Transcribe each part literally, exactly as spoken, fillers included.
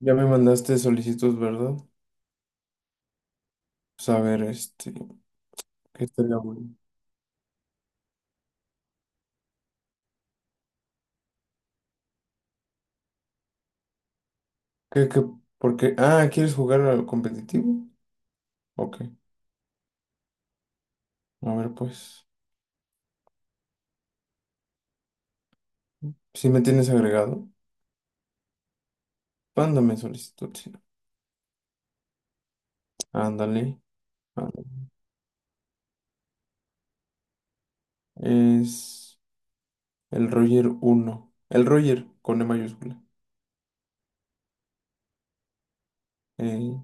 Ya me mandaste solicitud, ¿verdad? Pues a ver, este, ¿qué estaría bueno? ¿Qué, qué, por qué? Ah, ¿quieres jugar al competitivo? Ok, a ver, pues, si me tienes agregado, mándame solicitud, sí. Ándale, ándale. Es el Roger uno el Roger con E mayúscula. Eh,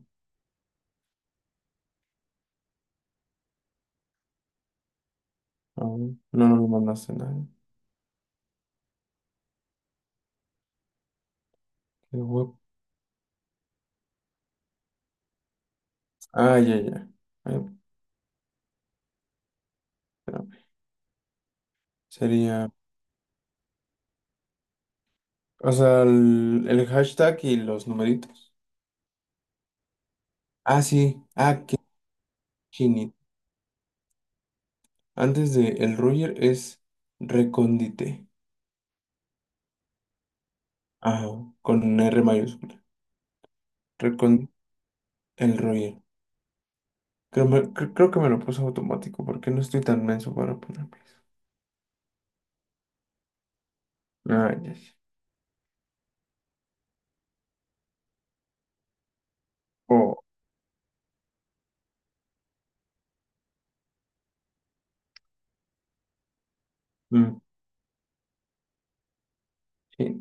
a ver, no, no me mandaste nada. Qué guapo. Ah, ya, ya. A ver, espérame. Sería, o sea, el, el hashtag y los numeritos. Ah, sí, ah, qué antes de el Roger es recóndite. Ajá, con R mayúscula. Recon El Roger. Creo, me- cre- creo que me lo puso automático porque no estoy tan menso para ponerlo. Ah, ya, ya. Oh, mm, sí,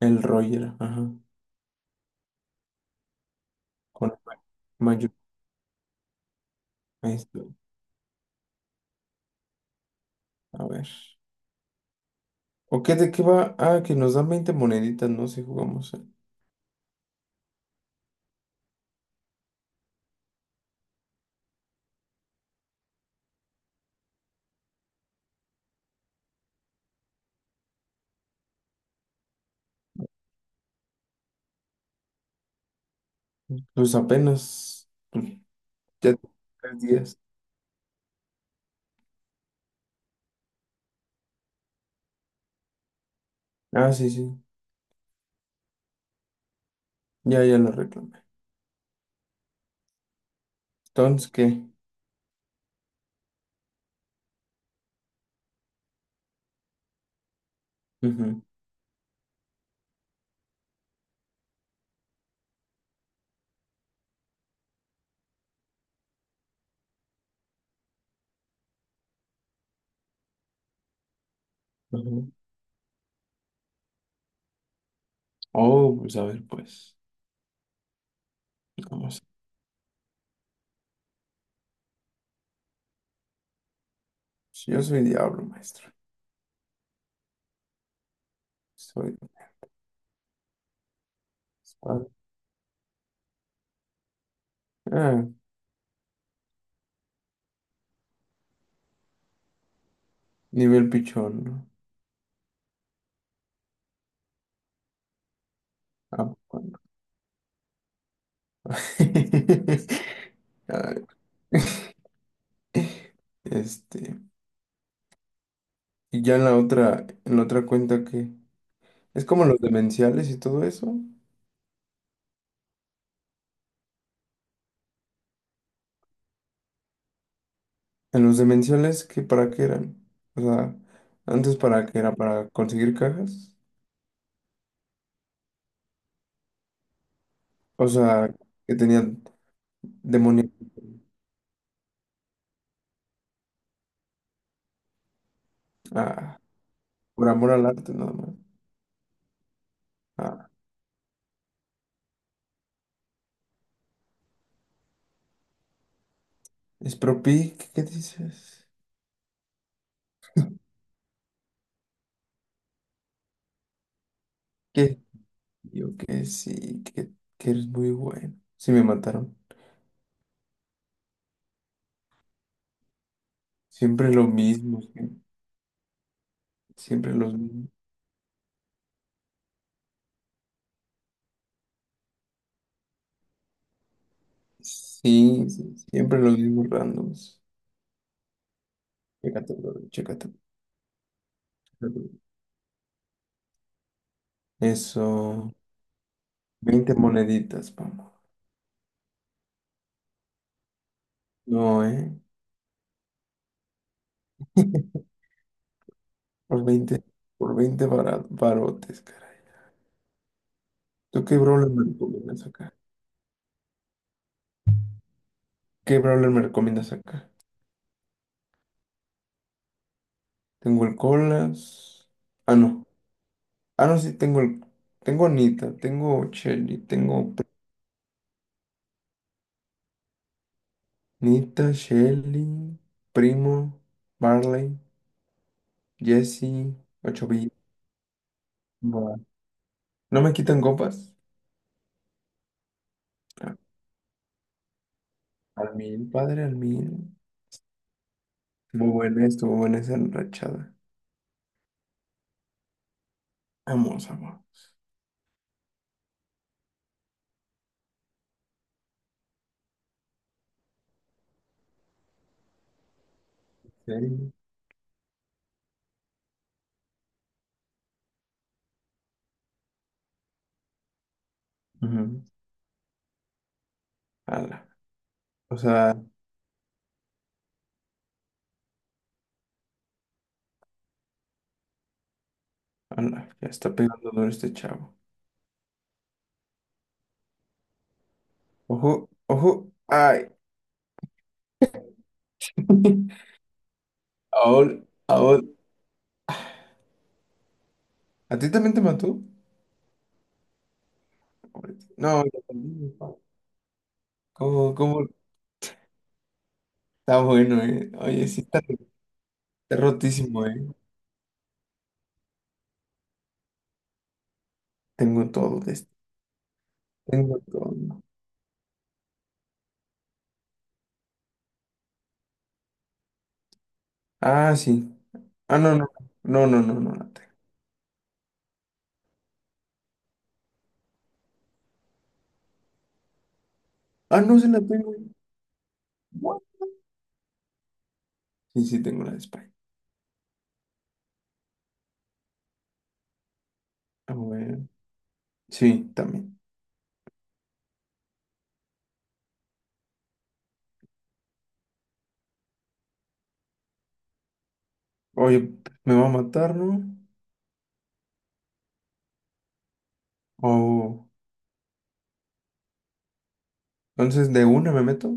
el Roger, ajá. Con mayúscula. Ahí está. A ver. ¿O qué de qué va? Ah, que nos dan veinte moneditas, ¿no? Si jugamos. eh. Pues apenas. Pues, ya tres días. Ah, sí, sí. Ya, ya lo reclamé. Entonces, ¿qué? Ujú, ujú. Oh, pues a ver, pues. Vamos. Yo soy diablo, maestro. Soy espada. Ah, nivel pichón, ¿no? Ah, bueno. Ah, Este. Y ya en la otra, en la otra cuenta que. Es como los demenciales y todo eso. En los demenciales, ¿qué para qué eran? O sea, antes para qué era para conseguir cajas. O sea, que tenían demonios. Ah, por amor al arte, nada más. Ah, es propi, ¿qué, qué dices? Que yo que sí, que, que eres muy bueno. Sí, me mataron. Siempre lo mismo, sie- siempre los mismos. Sí, sí, siempre los mismos randoms. Chécate, bro, chécate. Eso. Veinte moneditas, vamos. No, ¿eh? Por veinte, por veinte bara- barotes, caray. ¿Tú qué brawler me recomiendas acá? ¿Qué brawler me recomiendas acá? Tengo el Colas. Ah, no. Ah, no, sí, tengo el... Tengo Anita, tengo Shelly, tengo Nita, Shelly, Primo, Marley, Jesse, 8 bit. Buah. No me quitan copas. Ah, al mil, padre, al mil. Muy buena, estuvo buena esa enrachada. Vamos, amor. Serio. Ujú. Ala. O sea, ala, ya está pegando duro este chavo. Ojo, ojo. Ay. Aol, Aol. ¿A ti también te mató? Pobrecito. No, ya también. ¿Cómo, cómo? Está bueno, eh. Oye, sí, está, está rotísimo, eh. Tengo todo de este. Tengo todo. Ah, sí. Ah, no, no. No, no, no, no la tengo. Ah, no se la tengo. What? Sí, sí, tengo la de España. A ver. Sí, también. Oye, me va a matar, ¿no? Oh. Entonces, ¿de una me meto?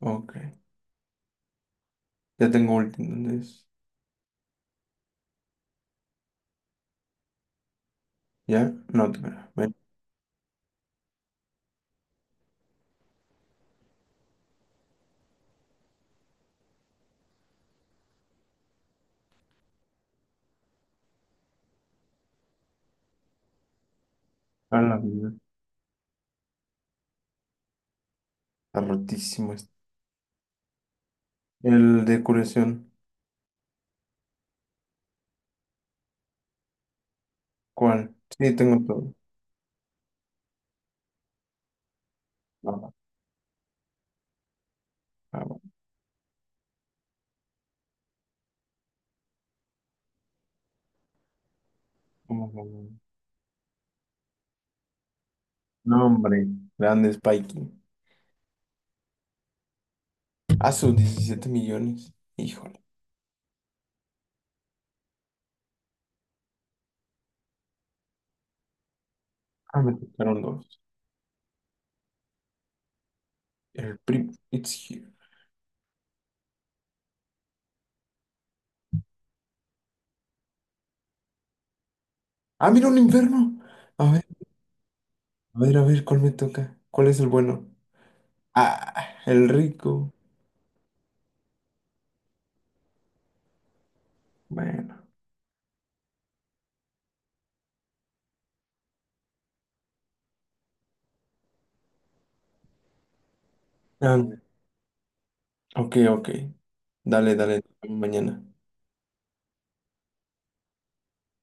Ok. Ya tengo ulti, entonces. ¿Ya? No te creo. Ven. A la vida. Está rotísimo este. El de curación. ¿Cuál? Sí, tengo todo. Ah, va, ah, va. Vamos, vamos, vamos. No, hombre. Grande Spikey. Ah, sus diecisiete millones. Híjole. Ah, me tocaron dos. El primo It's here. Ah, mira un inferno. A ver, a ver, a ver, ¿cuál me toca? ¿Cuál es el bueno? Ah, el rico. Bueno. Ah, ok, ok. Dale, dale, mañana.